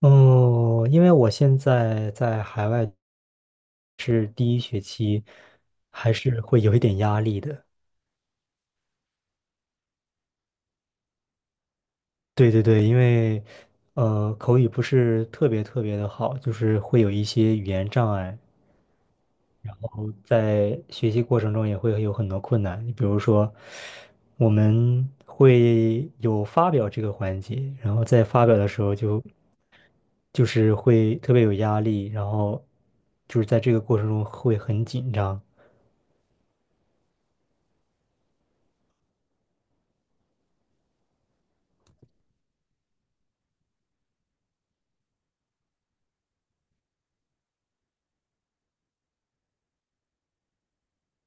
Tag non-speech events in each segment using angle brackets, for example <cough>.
嗯，因为我现在在海外是第一学期，还是会有一点压力的。对对对，因为口语不是特别的好，就是会有一些语言障碍，然后在学习过程中也会有很多困难。你比如说，我们会有发表这个环节，然后在发表的时候就是会特别有压力，然后就是在这个过程中会很紧张。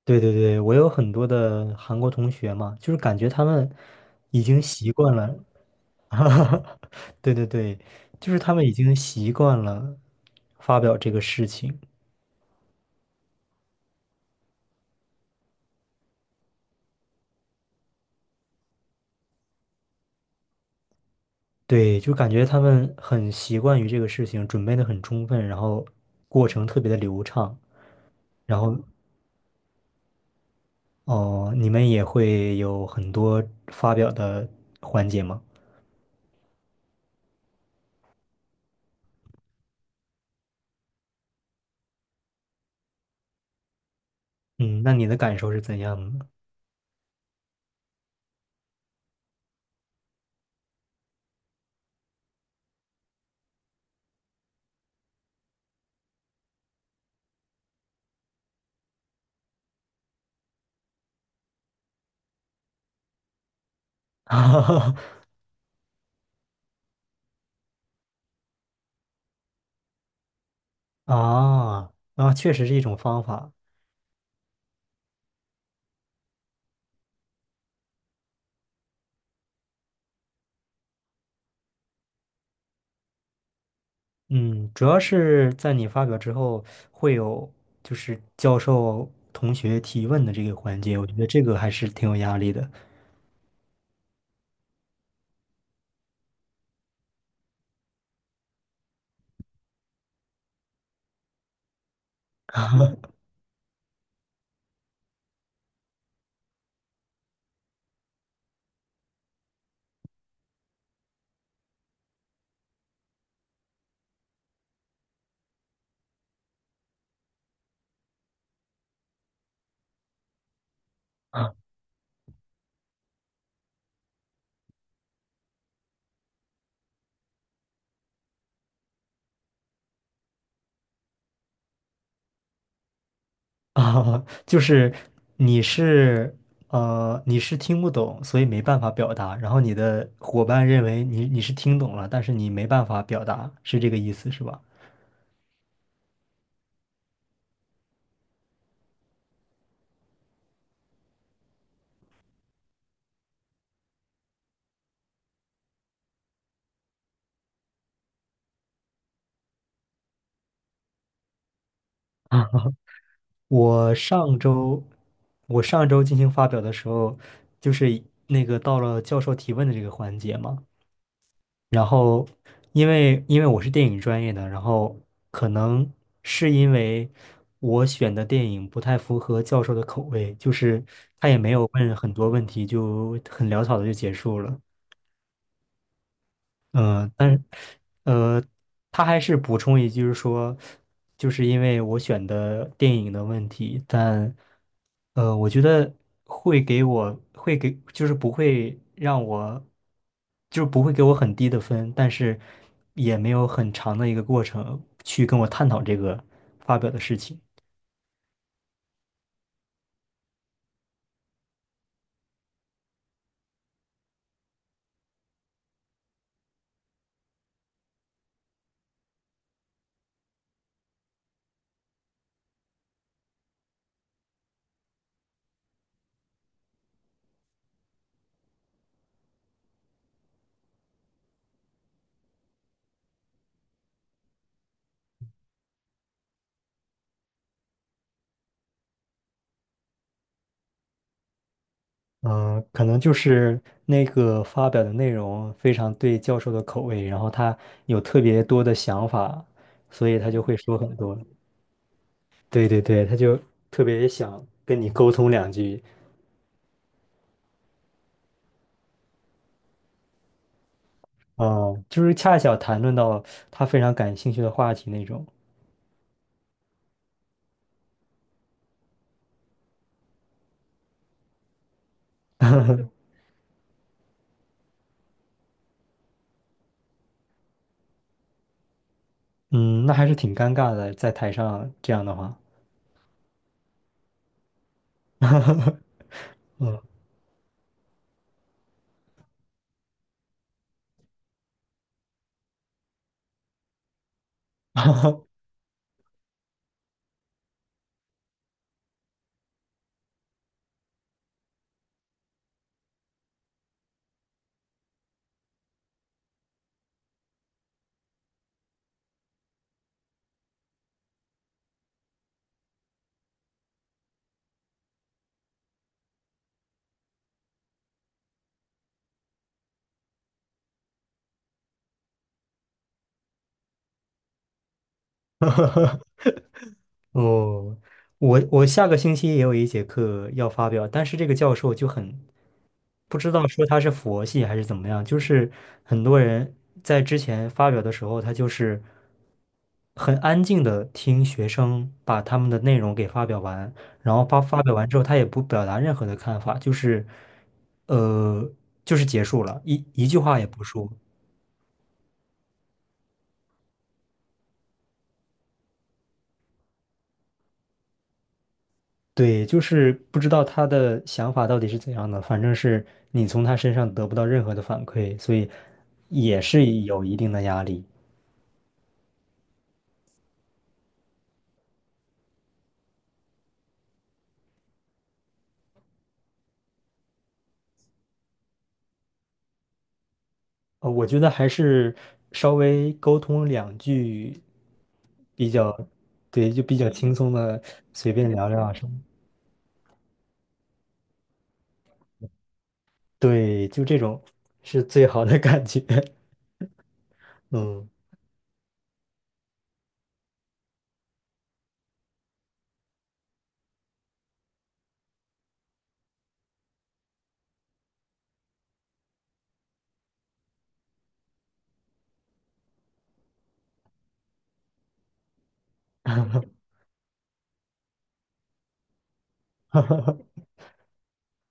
对对对，我有很多的韩国同学嘛，就是感觉他们已经习惯了。<laughs> 哈哈，对对对，就是他们已经习惯了发表这个事情。对，就感觉他们很习惯于这个事情，准备的很充分，然后过程特别的流畅。然后哦，你们也会有很多发表的环节吗？嗯，那你的感受是怎样的？<laughs> 啊啊，确实是一种方法。嗯，主要是在你发表之后，会有就是教授同学提问的这个环节，我觉得这个还是挺有压力的。 <laughs>。啊啊，就是你是你是听不懂，所以没办法表达，然后你的伙伴认为你是听懂了，但是你没办法表达，是这个意思是吧？<laughs> 啊，我上周我上周进行发表的时候，就是那个到了教授提问的这个环节嘛。然后，因为我是电影专业的，然后可能是因为我选的电影不太符合教授的口味，就是他也没有问很多问题，就很潦草的就结束了。嗯，但是，呃，他还是补充一句说，就是因为我选的电影的问题，但，我觉得会给，就是不会让我，就是不会给我很低的分，但是也没有很长的一个过程去跟我探讨这个发表的事情。嗯，可能就是那个发表的内容非常对教授的口味，然后他有特别多的想法，所以他就会说很多。对对对，他就特别想跟你沟通两句。嗯，就是恰巧谈论到他非常感兴趣的话题那种。嗯，那还是挺尴尬的，在台上这样的话。<laughs> 哦，我我下个星期也有一节课要发表，但是这个教授就很不知道说他是佛系还是怎么样，就是很多人在之前发表的时候，他就是很安静的听学生把他们的内容给发表完，然后发表完之后，他也不表达任何的看法，就是呃，就是结束了，一句话也不说。对，就是不知道他的想法到底是怎样的，反正是你从他身上得不到任何的反馈，所以也是有一定的压力。我觉得还是稍微沟通两句比较，对，就比较轻松的，随便聊聊啊什么，对，就这种是最好的感觉。<laughs> 嗯，<laughs>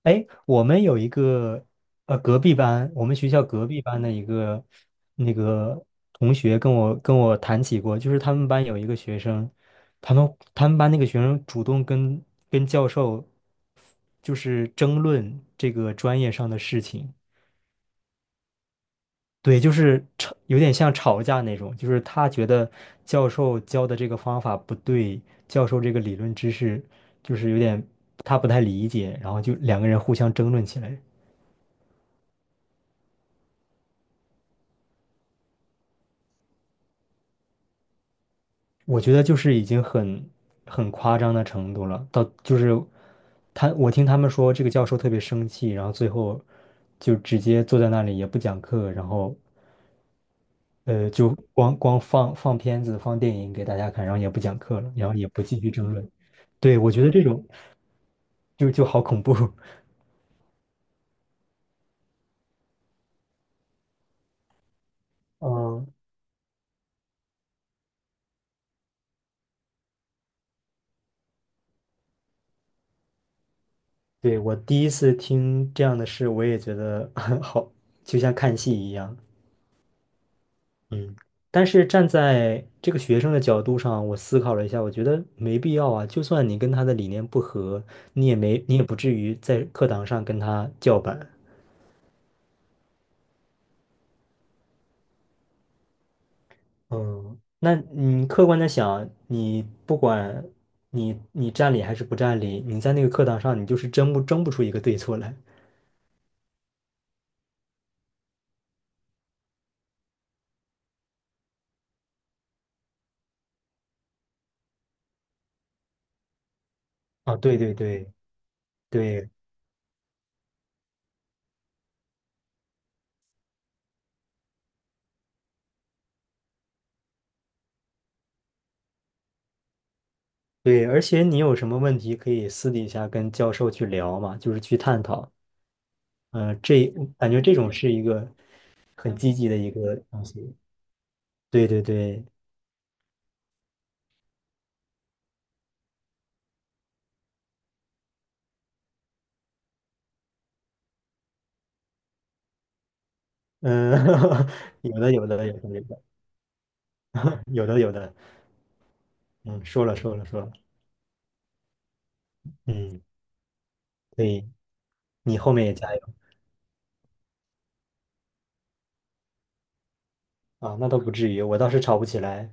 哎，我们有一个隔壁班，我们学校隔壁班的一个那个同学跟我谈起过，就是他们班有一个学生，他们班那个学生主动跟教授就是争论这个专业上的事情。对，就是吵，有点像吵架那种，就是他觉得教授教的这个方法不对，教授这个理论知识就是有点他不太理解，然后就两个人互相争论起来。我觉得就是已经很夸张的程度了，到就是他，我听他们说这个教授特别生气，然后最后就直接坐在那里也不讲课，然后就光光放片子放电影给大家看，然后也不讲课了，然后也不继续争论。对，我觉得这种就好恐怖。嗯，对，我第一次听这样的事，我也觉得 <laughs> 好，就像看戏一样。嗯，但是站在这个学生的角度上，我思考了一下，我觉得没必要啊。就算你跟他的理念不合，你也没，你也不至于在课堂上跟他叫板。嗯，那你客观的想，你不管你占理还是不占理，你在那个课堂上，你就是争不出一个对错来。啊，对对对对对，而且你有什么问题可以私底下跟教授去聊嘛，就是去探讨。呃，这感觉这种是一个很积极的一个东西。对对对，嗯，<laughs> 有的有的有的有的 <laughs> 有的有的，嗯，说了说了说了，嗯，对，你后面也加油啊，那倒不至于，我倒是吵不起来，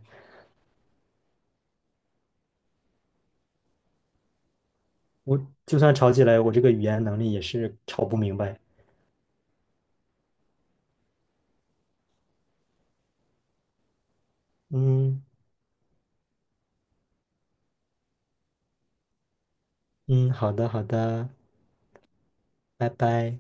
我就算吵起来，我这个语言能力也是吵不明白。嗯嗯，好的好的，拜拜。